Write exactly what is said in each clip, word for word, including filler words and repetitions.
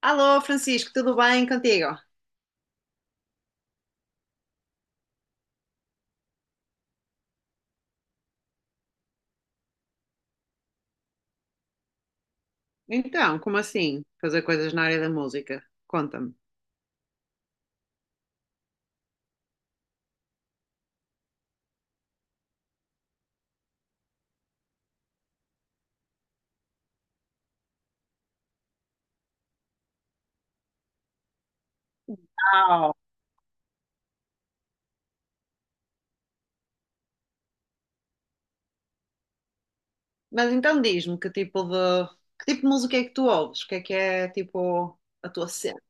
Alô, Francisco, tudo bem contigo? Então, como assim? Fazer coisas na área da música? Conta-me. Uau. Mas então diz-me que tipo de que tipo de música é que tu ouves? O que é que é tipo a tua cena?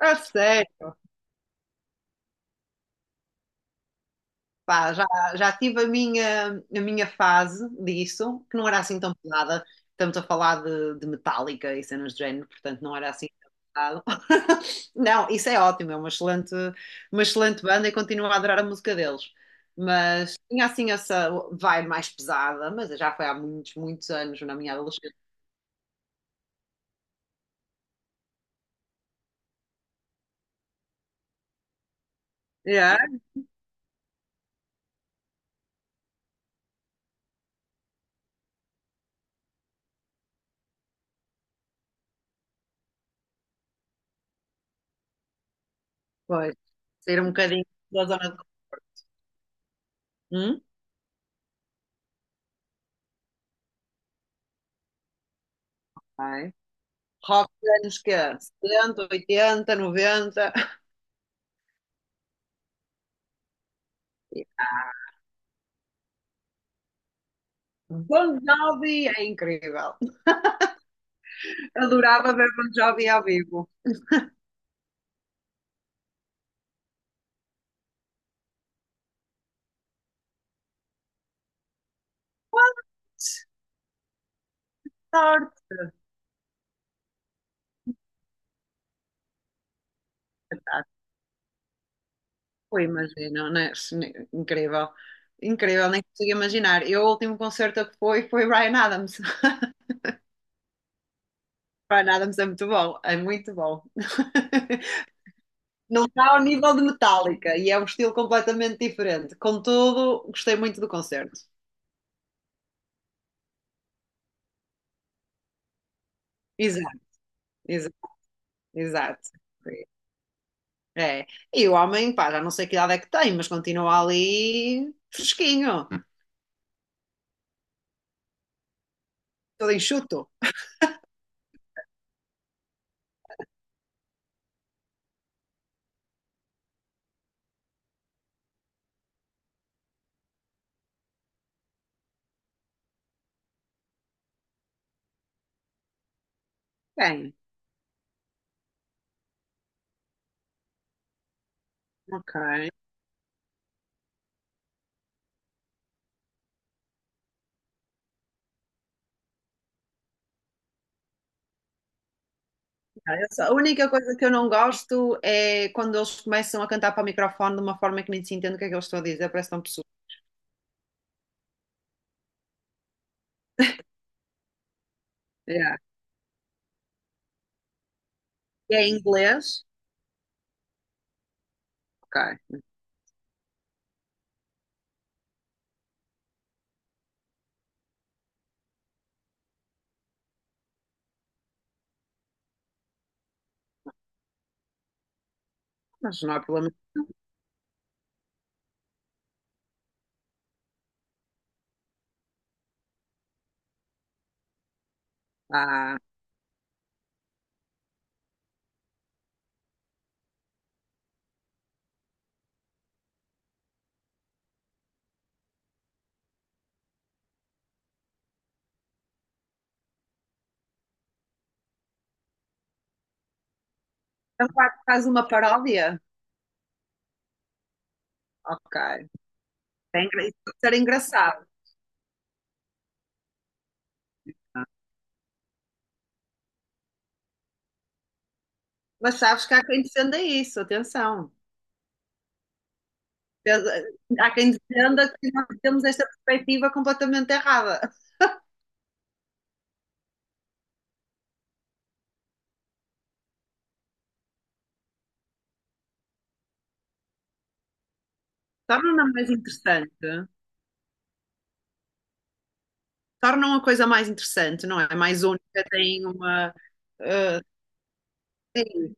A sério? Pá, já, já tive a minha, a minha fase disso, que não era assim tão pesada. Estamos a falar de, de Metallica e cenas de género, portanto não era assim tão pesado. Não, isso é ótimo, é uma excelente, uma excelente banda e continuo a adorar a música deles. Mas tinha assim essa vibe mais pesada, mas já foi há muitos, muitos anos na minha adolescência. Yeah. Pois, sair um bocadinho da zona de... Hum? Ai. Rock dos anos que setenta, oitenta, noventa. Bon Jovi é incrível. Adorava ver Bon Jovi ao vivo. Sorte. Ah, tu imagino, né? Incrível. Incrível, nem consigo imaginar. Eu, o último concerto que fui foi Ryan Adams. Ryan Adams é muito bom, é muito bom. Não está ao nível de Metallica e é um estilo completamente diferente. Contudo, gostei muito do concerto. Exato, exato, exato. É. E o homem, pá, já não sei que idade é que tem, mas continua ali fresquinho. Tudo enxuto? Bem, ok. Ah, eu só- A única coisa que eu não gosto é quando eles começam a cantar para o microfone de uma forma que nem se entende o que é que eles estão a dizer, parece que estão pessoas. Yeah. E é em inglês? Ok, mas não há problema. Ah, então claro, faz uma paródia? Ok. É engra- isso pode ser engraçado. Mas sabes que há quem defenda isso, atenção. Há quem defenda que nós temos esta perspectiva completamente errada. Torna-na mais interessante. Torna uma coisa mais interessante, não é? Mais única, tem uma. eh, sim,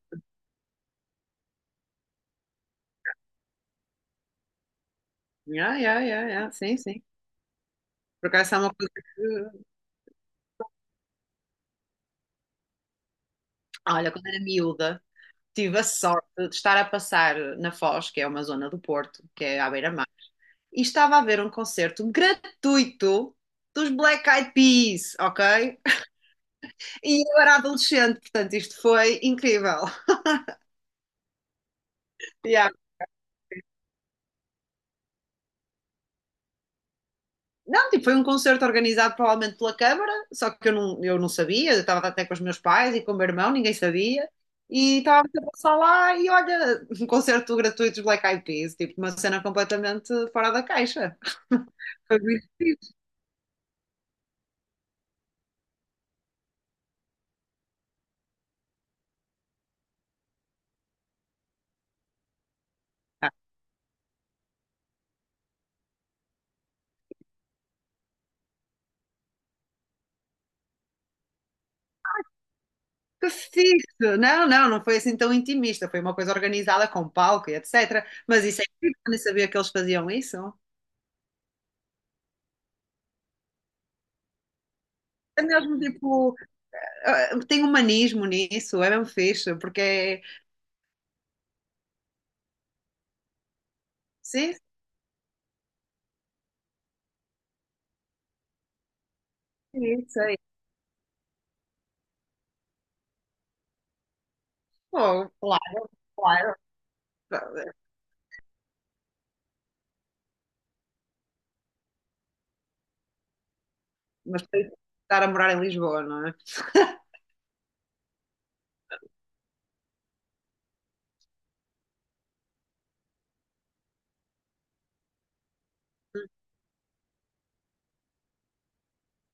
yeah, yeah, yeah, yeah, sim, sim. Por acaso é uma coisa que. Olha, quando era miúda, tive a sorte de estar a passar na Foz, que é uma zona do Porto, que é à beira-mar, e estava a ver um concerto gratuito dos Black Eyed Peas, ok? E eu era adolescente, portanto, isto foi incrível. Yeah. Não, tipo, foi um concerto organizado provavelmente pela Câmara, só que eu não, eu não sabia, eu estava até com os meus pais e com o meu irmão, ninguém sabia. E estava a passar lá e olha, um concerto gratuito dos Black Eyed Peas, tipo, uma cena completamente fora da caixa. Foi muito que fixe. Não, não, não foi assim tão intimista, foi uma coisa organizada com palco e etecetera. Mas isso é incrível, eu nem sabia que eles faziam isso. É mesmo tipo, eh, tem humanismo nisso, é mesmo fixe, porque é. Sim, sim, sei. Pô, claro, claro. Mas para estar a morar em Lisboa, não é?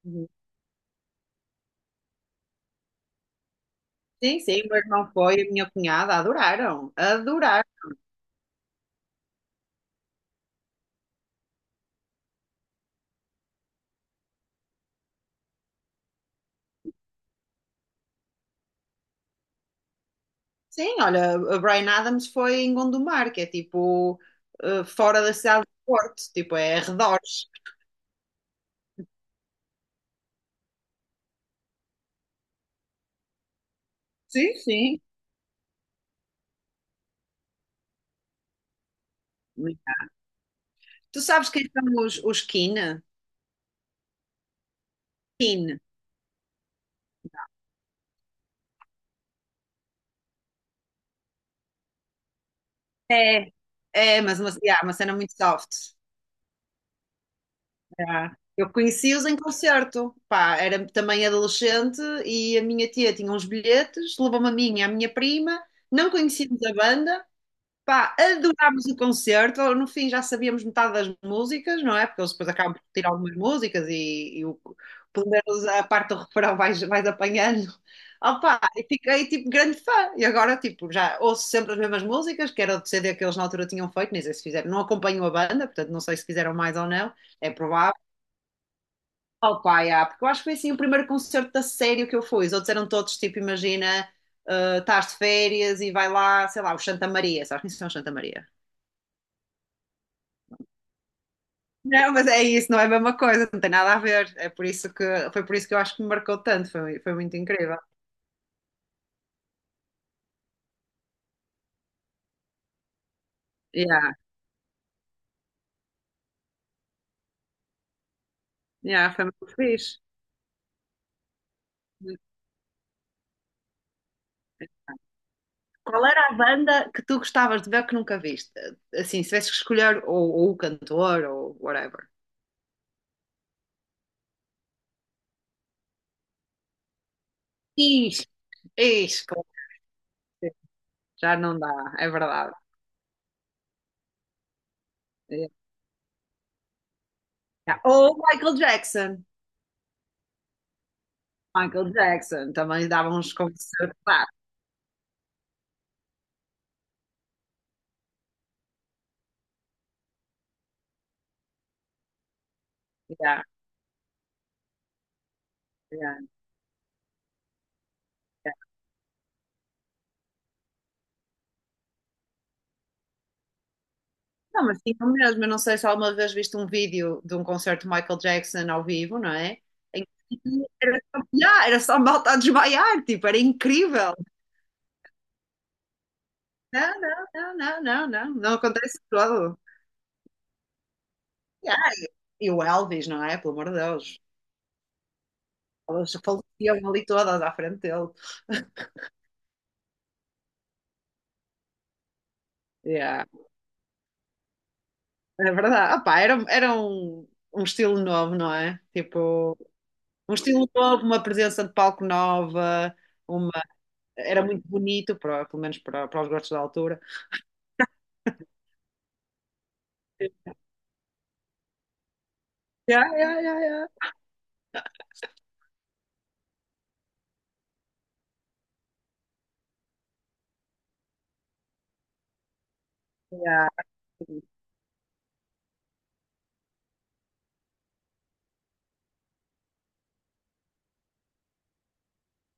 Uhum. Sim, sim, o meu irmão foi, a minha cunhada adoraram, adoraram. Sim, olha, a Bryan Adams foi em Gondomar, que é tipo eh, fora da cidade do Porto, tipo é arredores. Sim, sim. Tu sabes quem são os, os Keen? Keen. É. É, mas uma, yeah, uma cena muito soft. Já. Eu conheci-os em concerto, pá, era também adolescente e a minha tia tinha uns bilhetes, levou-me a mim e à minha prima, não conhecíamos a banda, pá, adorámos o concerto, no fim já sabíamos metade das músicas, não é? Porque eles depois acabam por tirar algumas músicas e, e o- pelo menos a parte do refrão vais, vais apanhando. Opá, e fiquei tipo grande fã e agora tipo já ouço sempre as mesmas músicas, que era do C D que eles na altura tinham feito, nem sei se fizeram, não acompanho a banda, portanto não sei se fizeram mais ou não, é provável. Oh pá, yeah, porque eu acho que foi assim o primeiro concerto a sério que eu fui. Os outros eram todos tipo, imagina, eh, estás de férias e vai lá, sei lá, o Santa Maria. Sabes quem são os Santa Maria? Não, mas é isso, não é a mesma coisa, não tem nada a ver. É por isso que Foi por isso que eu acho que me marcou tanto, foi, foi muito incrível. Yeah, yeah, foi muito fixe. Qual era a banda que tu gostavas de ver que nunca viste? Assim, se tivesse que escolher ou, ou o cantor ou whatever. Ixi, ixi, claro que sim. Já não dá, é verdade. Yeah. Yeah. Ou Michael Jackson. Michael Jackson também dava uns concertos. Yeah, yeah. Não, mas sim, o mesmo. Eu não sei se alguma vez viste um vídeo de um concerto de Michael Jackson ao vivo, não é? Em que Era só, yeah, era só malta a desmaiar, tipo, era incrível. Não, não, não, não, não, não, não acontece todo. Yeah. E o Elvis, não é? Pelo amor de Deus. Elas faleciam ali todas à frente dele. Yeah. É verdade. Ah, pá, era, era um, um estilo novo, não é? Tipo, um estilo novo, uma presença de palco nova, uma... Era muito bonito, para, pelo menos para, para os gostos da altura. Ya, ya, ya, ya. Ya.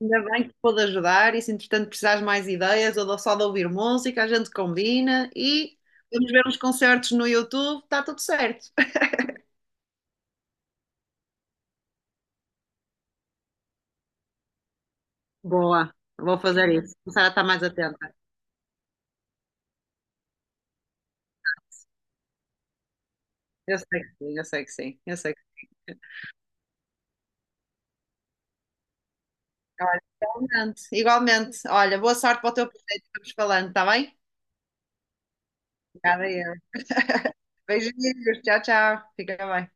Ainda bem que pude ajudar e se entretanto precisares mais ideias ou só de ouvir música, a gente combina e vamos ver uns concertos no YouTube, está tudo certo. Boa, vou fazer isso. Começar a estar mais atenta. Eu sei que sim, eu sei que sim, eu sei que sim. Igualmente, igualmente. Olha, boa sorte para o teu projeto, que estamos falando, está bem? Obrigada, eu. Beijinhos, tchau, tchau. Fica bem.